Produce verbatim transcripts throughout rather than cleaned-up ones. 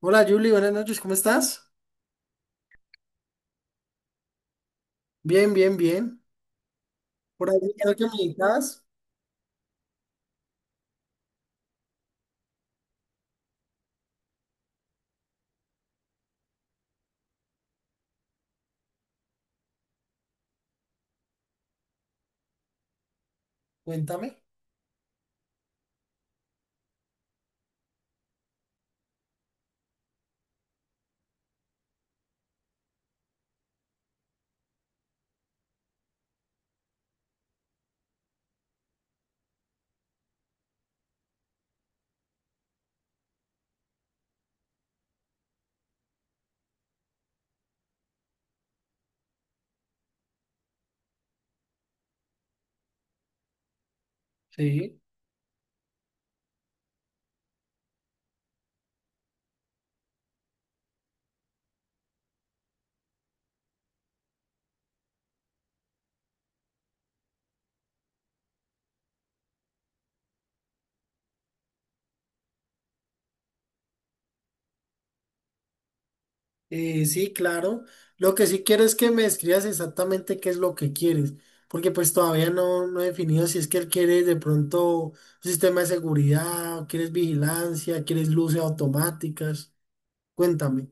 Hola Julie, buenas noches, ¿cómo estás? Bien, bien, bien. Por ahí creo que me necesitas. Cuéntame. Sí. Eh, sí, claro. Lo que sí quiero es que me escribas exactamente qué es lo que quieres, porque pues todavía no, no he definido si es que él quiere de pronto un sistema de seguridad, o quieres vigilancia, quieres luces automáticas. Cuéntame.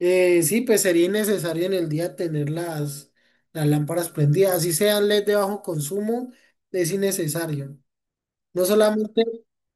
Eh, sí, pues sería necesario en el día tener las, las lámparas prendidas, así sean L E D de bajo consumo, es innecesario. No solamente,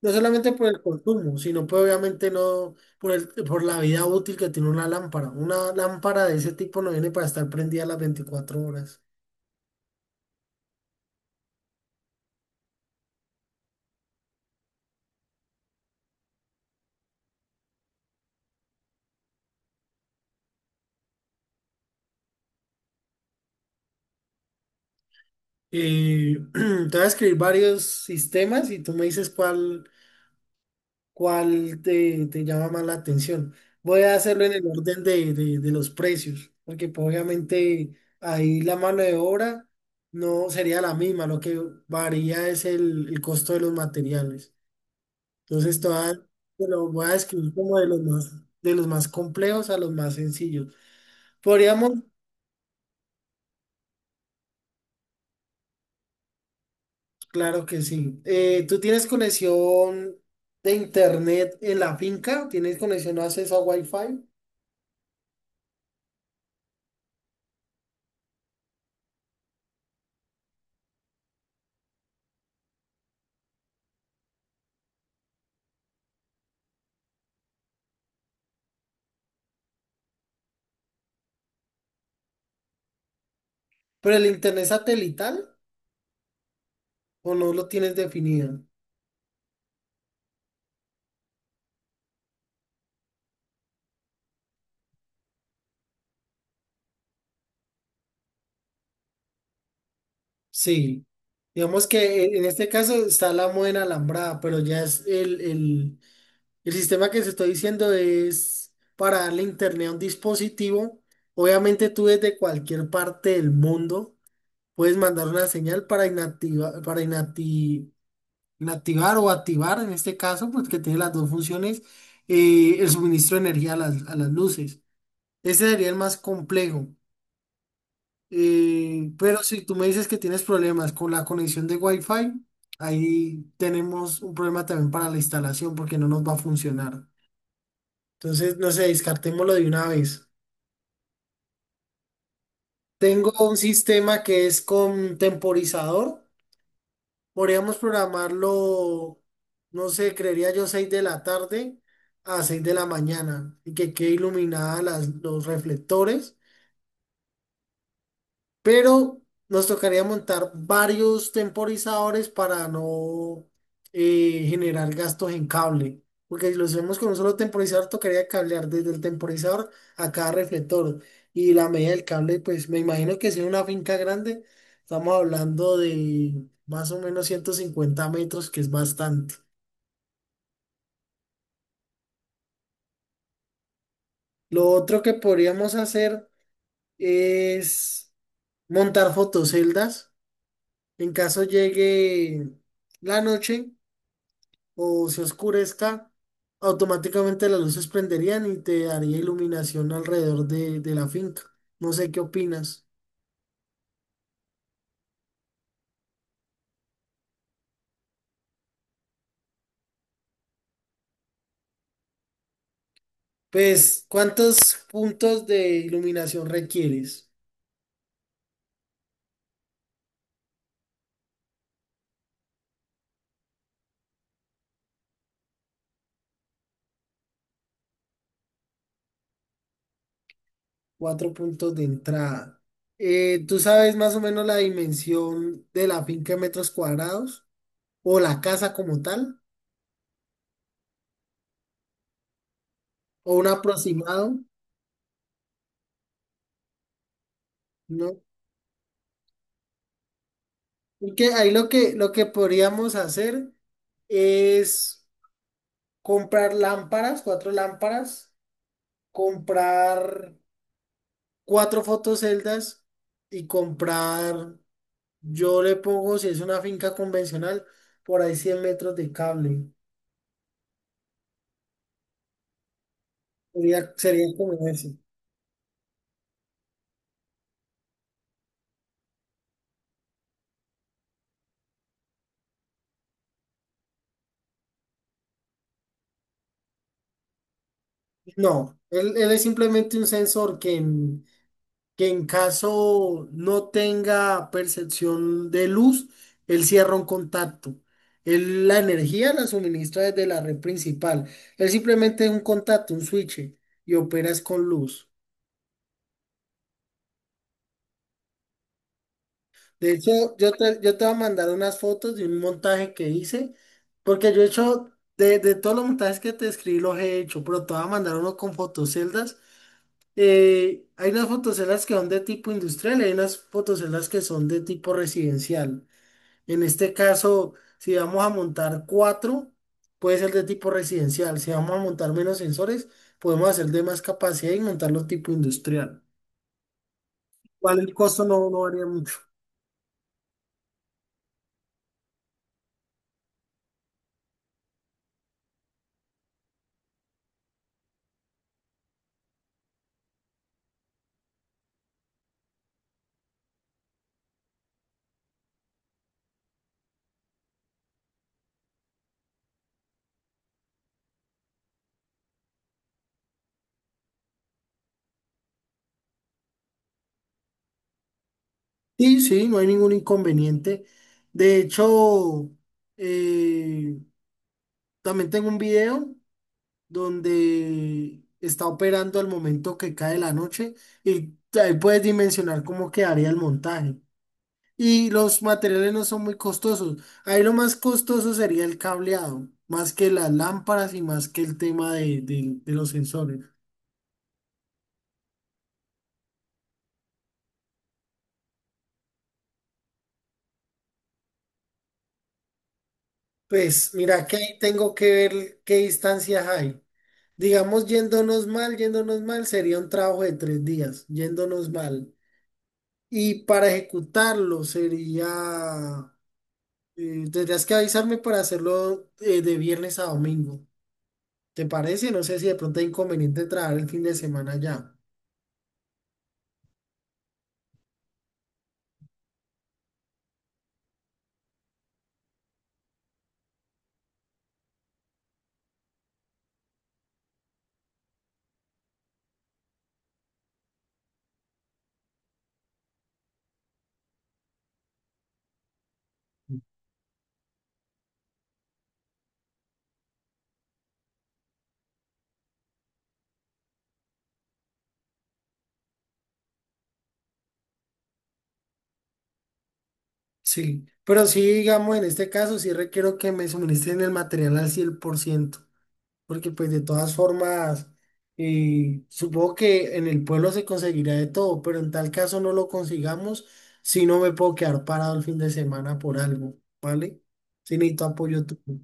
no solamente por el consumo, sino pues obviamente no por el, por la vida útil que tiene una lámpara. Una lámpara de ese tipo no viene para estar prendida las veinticuatro horas. Eh, te voy a escribir varios sistemas y tú me dices cuál, cuál te, te llama más la atención. Voy a hacerlo en el orden de, de- de los precios, porque pues, obviamente ahí la mano de obra no sería la misma, lo que varía es el el costo de los materiales. Entonces, todas te lo voy a describir como de los más, de los más complejos a los más sencillos. ¿Podríamos? Claro que sí. Eh, ¿tú tienes conexión de internet en la finca? ¿Tienes conexión o acceso a Wi-Fi? ¿Pero el internet satelital o no lo tienes definido? Sí. Digamos que eh, en este caso está la moda en alambrada, pero ya es el, el, el sistema que te estoy diciendo es para darle internet a un dispositivo. Obviamente tú desde cualquier parte del mundo puedes mandar una señal para inactiva- para inacti- inactivar o activar, en este caso, pues que tiene las dos funciones, eh, el suministro de energía a las, a las luces. Ese sería el más complejo. Eh, pero si tú me dices que tienes problemas con la conexión de Wi-Fi, ahí tenemos un problema también para la instalación porque no nos va a funcionar. Entonces, no sé, descartémoslo de una vez. Tengo un sistema que es con temporizador. Podríamos programarlo, no sé, creería yo seis de la tarde a seis de la mañana y que quede iluminada las, los reflectores, pero nos tocaría montar varios temporizadores para no eh, generar gastos en cable. Porque si lo hacemos con un solo temporizador, tocaría cablear desde el temporizador a cada reflector. Y la media del cable, pues me imagino que si es una finca grande, estamos hablando de más o menos ciento cincuenta metros, que es bastante. Lo otro que podríamos hacer es montar fotoceldas en caso llegue la noche o se oscurezca, automáticamente las luces prenderían y te daría iluminación alrededor de, de la finca. No sé qué opinas. Pues, ¿cuántos puntos de iluminación requieres? Cuatro puntos de entrada. Eh, ¿tú sabes más o menos la dimensión de la finca en metros cuadrados? ¿O la casa como tal? ¿O un aproximado? ¿No? Porque ahí lo que, lo que podríamos hacer es comprar lámparas, cuatro lámparas, comprar cuatro fotoceldas y comprar, yo le pongo, si es una finca convencional, por ahí cien metros de cable. Sería, sería como ese. No, él, él es simplemente un sensor que en, que en caso no tenga percepción de luz, él cierra un contacto. Él la energía la suministra desde la red principal. Él simplemente es un contacto, un switch, y operas con luz. De hecho, yo te, yo te voy a mandar unas fotos de un montaje que hice, porque yo he hecho, de, de todos los montajes que te escribí, los he hecho, pero te voy a mandar uno con fotoceldas. Eh, hay unas fotoceldas que son de tipo industrial y hay unas fotoceldas que son de tipo residencial. En este caso, si vamos a montar cuatro, puede ser de tipo residencial. Si vamos a montar menos sensores, podemos hacer de más capacidad y montarlo tipo industrial. Igual el costo no, no varía mucho. Sí, sí, no hay ningún inconveniente. De hecho, eh, también tengo un video donde está operando al momento que cae la noche y ahí puedes dimensionar cómo quedaría el montaje. Y los materiales no son muy costosos. Ahí lo más costoso sería el cableado, más que las lámparas y más que el tema de, de de los sensores. Pues mira que ahí tengo que ver qué distancias hay. Digamos, yéndonos mal, yéndonos mal, sería un trabajo de tres días, yéndonos mal. Y para ejecutarlo sería, eh, tendrías que avisarme para hacerlo eh, de viernes a domingo. ¿Te parece? No sé si de pronto hay inconveniente trabajar el fin de semana ya. Sí, pero sí, digamos, en este caso sí requiero que me suministren el material al cien por ciento, porque pues de todas formas, eh, supongo que en el pueblo se conseguirá de todo, pero en tal caso no lo consigamos, si no me puedo quedar parado el fin de semana por algo, ¿vale? Si necesito apoyo tuyo.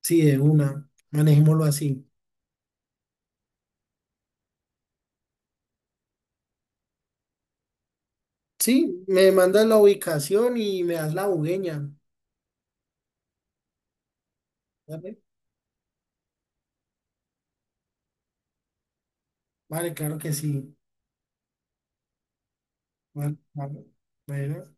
Sí, de una, manejémoslo así. Sí, me mandas la ubicación y me das la bugueña, ¿vale? Vale, claro que sí. Vale, vale. Bueno.